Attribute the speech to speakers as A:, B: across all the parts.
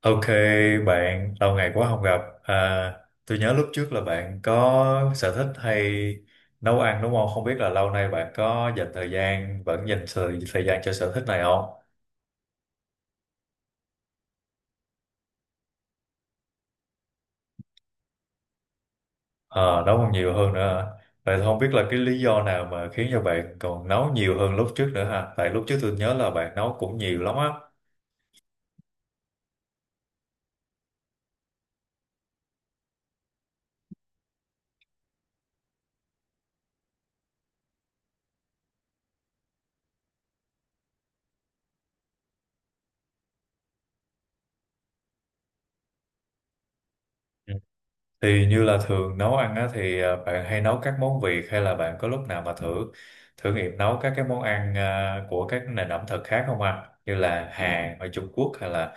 A: Ok bạn, lâu ngày quá không gặp. Tôi nhớ lúc trước là bạn có sở thích hay nấu ăn đúng không? Không biết là lâu nay bạn có dành thời gian, thời gian cho sở thích này không? Ờ, nấu còn nhiều hơn nữa hả? Vậy thì không biết là cái lý do nào mà khiến cho bạn còn nấu nhiều hơn lúc trước nữa ha? Tại lúc trước tôi nhớ là bạn nấu cũng nhiều lắm á. Ừ. Thì như là thường nấu ăn á, thì bạn hay nấu các món Việt hay là bạn có lúc nào mà thử thử nghiệm nấu các cái món ăn, à, của các nền ẩm thực khác không ạ? Như là Hàn ở Trung Quốc hay là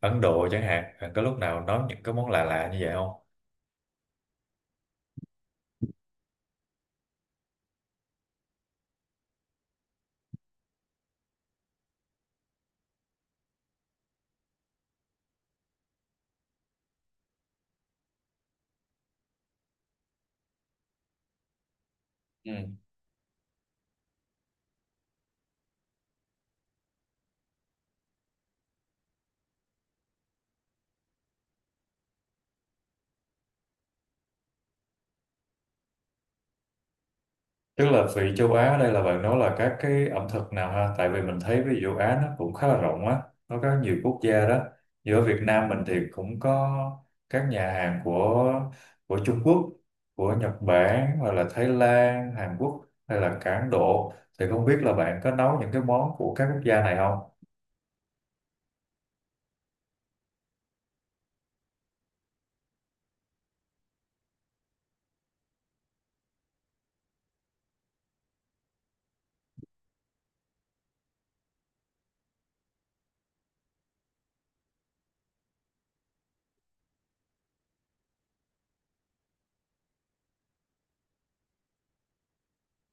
A: Ấn Độ chẳng hạn. Bạn có lúc nào nấu những cái món lạ lạ như vậy không? Tức là vị châu Á ở đây là bạn nói là các cái ẩm thực nào ha? Tại vì mình thấy ví dụ châu Á nó cũng khá là rộng á, nó có nhiều quốc gia đó. Giữa Việt Nam mình thì cũng có các nhà hàng của Trung Quốc, của Nhật Bản hoặc là Thái Lan, Hàn Quốc hay là cả Ấn Độ. Thì không biết là bạn có nấu những cái món của các quốc gia này không?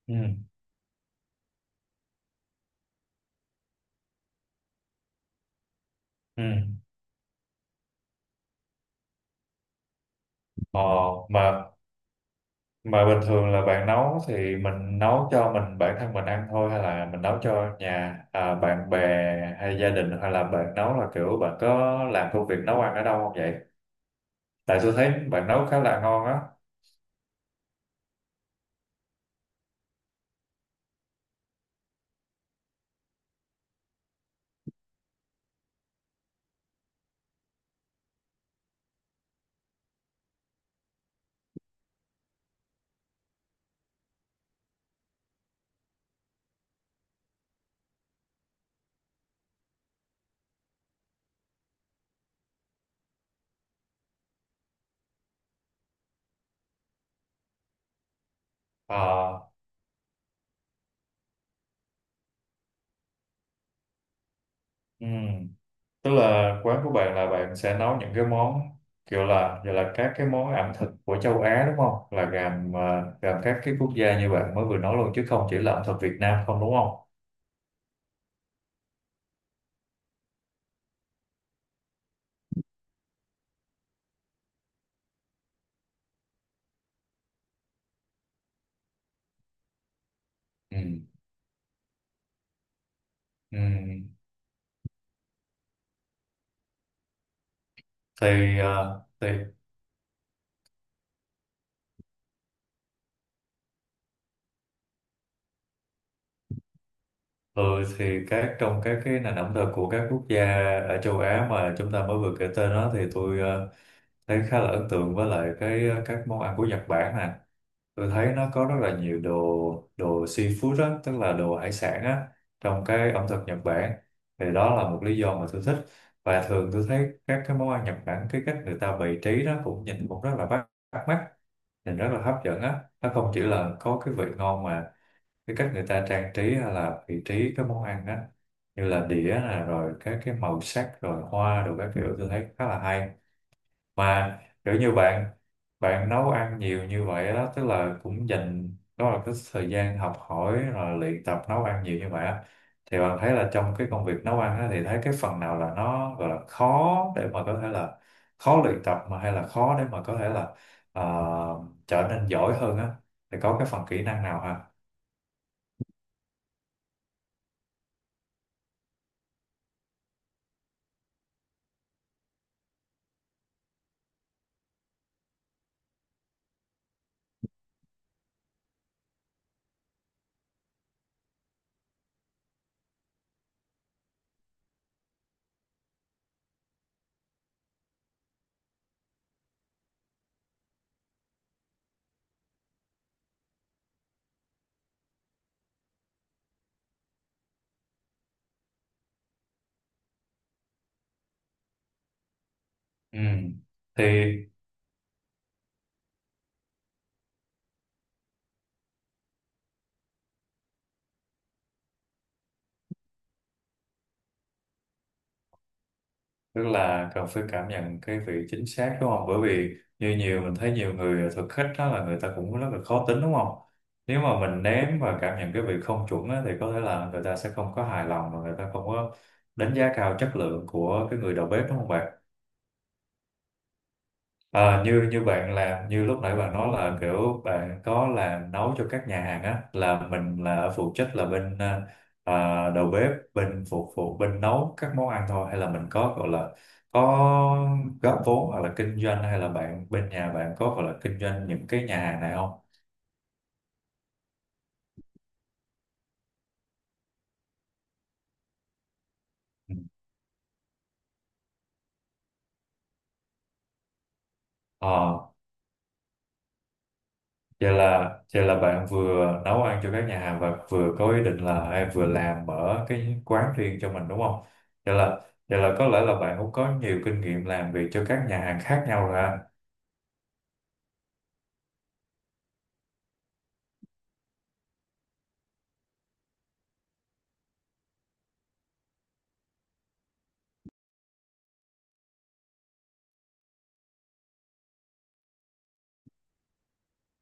A: Ừ. Ừ. Ờ, mà Mà bình thường là bạn nấu thì mình nấu cho mình bản thân mình ăn thôi hay là mình nấu cho bạn bè hay gia đình, hay là bạn nấu là kiểu bạn có làm công việc nấu ăn ở đâu không vậy? Tại tôi thấy bạn nấu khá là ngon á. Ờ, ừm. Tức là quán của bạn là bạn sẽ nấu những cái món kiểu là giờ là các cái món ẩm thực của châu Á đúng không? Là gồm các cái quốc gia như bạn mới vừa nói luôn, chứ không chỉ là ẩm thực Việt Nam không, đúng không? Ừ. Ừ. Thì à, thì Ừ, thì trong các cái nền ẩm thực của các quốc gia ở châu Á mà chúng ta mới vừa kể tên đó thì tôi thấy khá là ấn tượng với lại các món ăn của Nhật Bản nè. Tôi thấy nó có rất là nhiều đồ đồ seafood á, tức là đồ hải sản á, trong cái ẩm thực Nhật Bản. Thì đó là một lý do mà tôi thích. Và thường tôi thấy các cái món ăn Nhật Bản, cái cách người ta bày trí đó cũng nhìn cũng rất là bắt bắt mắt, nhìn rất là hấp dẫn á, nó không chỉ là có cái vị ngon mà cái cách người ta trang trí hay là vị trí cái món ăn á, như là đĩa nè rồi các cái màu sắc rồi hoa rồi các kiểu, tôi thấy khá là hay. Mà kiểu như bạn bạn nấu ăn nhiều như vậy đó, tức là cũng dành đó là cái thời gian học hỏi rồi luyện tập nấu ăn nhiều như vậy á, thì bạn thấy là trong cái công việc nấu ăn á thì thấy cái phần nào là nó gọi là khó để mà có thể là khó luyện tập, mà hay là khó để mà có thể là ờ, trở nên giỏi hơn á, thì có cái phần kỹ năng nào ha? Ừ. Thì tức là cần phải cảm nhận cái vị chính xác đúng không? Bởi vì như nhiều mình thấy nhiều người thực khách đó là người ta cũng rất là khó tính đúng không? Nếu mà mình ném và cảm nhận cái vị không chuẩn á, thì có thể là người ta sẽ không có hài lòng và người ta không có đánh giá cao chất lượng của cái người đầu bếp đúng không bạn? Ờ, như như bạn làm, như lúc nãy bạn nói là kiểu bạn có làm nấu cho các nhà hàng á, là mình là phụ trách là đầu bếp, bên phục vụ, bên nấu các món ăn thôi, hay là mình có gọi là có góp vốn hoặc là kinh doanh, hay là bạn bên nhà bạn có gọi là kinh doanh những cái nhà hàng này không? Ừ. Ờ. Vậy là bạn vừa nấu ăn cho các nhà hàng và vừa có ý định là hay vừa làm mở cái quán riêng cho mình đúng không? Vậy là Vậy là có lẽ là bạn cũng có nhiều kinh nghiệm làm việc cho các nhà hàng khác nhau rồi ha.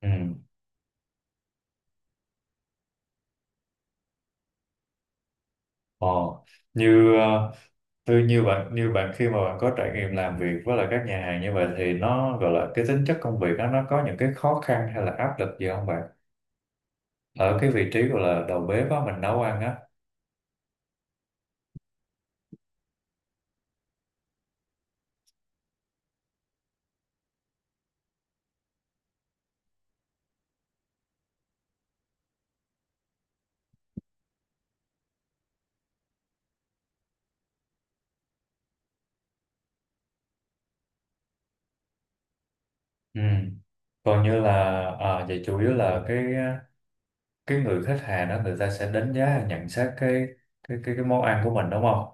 A: Ừ. Ờ. Như ờ, tôi như như bạn, khi mà bạn có trải nghiệm làm việc với lại các nhà hàng như vậy thì nó gọi là cái tính chất công việc đó, nó có những cái khó khăn hay là áp lực gì không bạn? Ở cái vị trí gọi là đầu bếp á, mình nấu ăn á. Ừ. Còn như là vậy chủ yếu là cái người khách hàng đó, người ta sẽ đánh giá nhận xét cái món ăn của mình đúng không,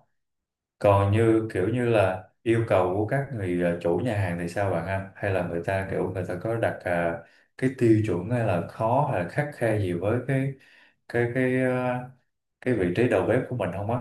A: còn như kiểu như là yêu cầu của các người chủ nhà hàng thì sao bạn ha, hay là người ta kiểu người ta có đặt cái tiêu chuẩn hay là khó hay là khắt khe gì với cái cái ờ, cái vị trí đầu bếp của mình không á?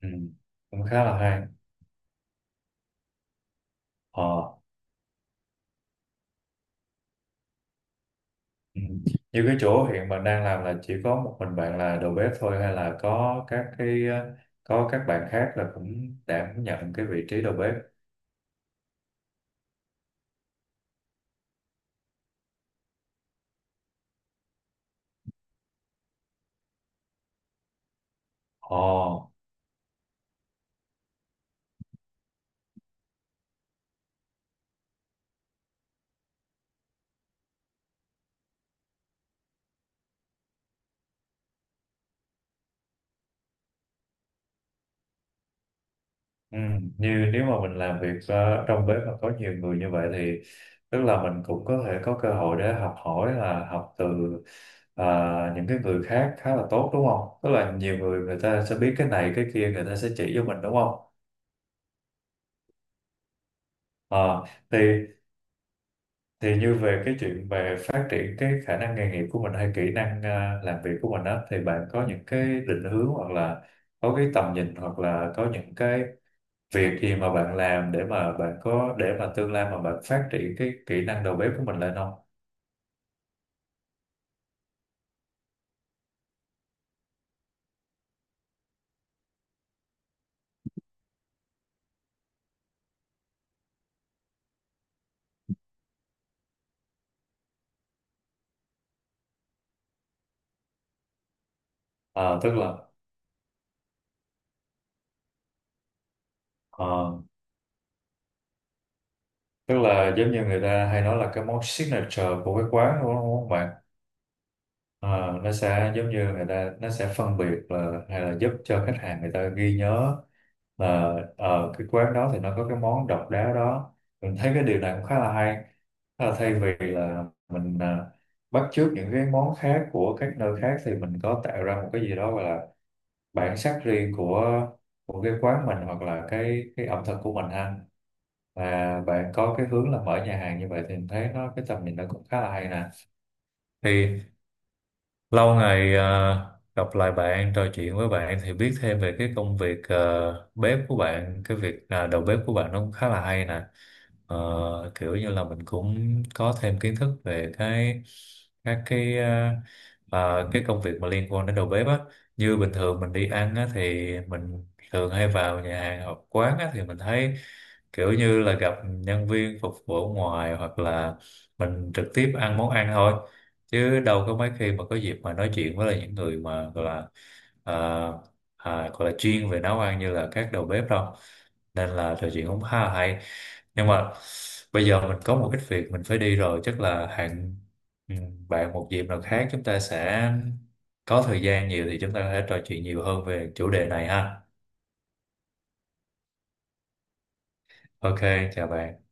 A: Ừ. Cũng khá là hay. Ờ. Ừ. Như cái chỗ hiện mình đang làm là chỉ có một mình bạn là đầu bếp thôi, hay là có có các bạn khác là cũng đảm nhận cái vị trí đầu bếp? Ồ, ừ. Như nếu mà mình làm việc trong bếp mà có nhiều người như vậy thì tức là mình cũng có thể có cơ hội để học hỏi, là học từ ờ, những cái người khác khá là tốt đúng không? Tức là nhiều người, người ta sẽ biết cái này cái kia, người ta sẽ chỉ cho mình đúng không? Ờ, thì thì như về cái chuyện về phát triển cái khả năng nghề nghiệp của mình hay kỹ năng làm việc của mình á, thì bạn có những cái định hướng hoặc là có cái tầm nhìn, hoặc là có những cái việc gì mà bạn làm để mà bạn có để mà tương lai mà bạn phát triển cái kỹ năng đầu bếp của mình lên không? Ờ, tức là ờ, tức là giống như người ta hay nói là cái món signature của cái quán đúng không? Ờ, nó sẽ giống như người ta, nó sẽ phân biệt là hay là giúp cho khách hàng người ta ghi nhớ là ở cái quán đó thì nó có cái món độc đáo đó. Mình thấy cái điều này cũng khá là hay. Thế là thay vì là bắt chước những cái món khác của các nơi khác thì mình có tạo ra một cái gì đó gọi là bản sắc riêng của cái quán mình hoặc là cái ẩm thực của mình ha. Và bạn có cái hướng là mở nhà hàng như vậy thì mình thấy nó cái tầm nhìn nó cũng khá là hay nè. Thì lâu ngày gặp lại bạn, trò chuyện với bạn thì biết thêm về cái công việc bếp của bạn, đầu bếp của bạn, nó cũng khá là hay nè. Ờ, kiểu như là mình cũng có thêm kiến thức về cái các cái ờ, ờ, cái công việc mà liên quan đến đầu bếp á. Như bình thường mình đi ăn á thì mình thường hay vào nhà hàng hoặc quán á, thì mình thấy kiểu như là gặp nhân viên phục vụ ở ngoài, hoặc là mình trực tiếp ăn món ăn thôi, chứ đâu có mấy khi mà có dịp mà nói chuyện với lại những người mà gọi là ờ, gọi là chuyên về nấu ăn như là các đầu bếp đâu, nên là trò chuyện cũng khá là hay. Nhưng mà bây giờ mình có một ít việc mình phải đi rồi, chắc là hẹn ừ, bạn một dịp nào khác, chúng ta sẽ có thời gian nhiều thì chúng ta có thể trò chuyện nhiều hơn về chủ đề này ha. Ok, chào bạn.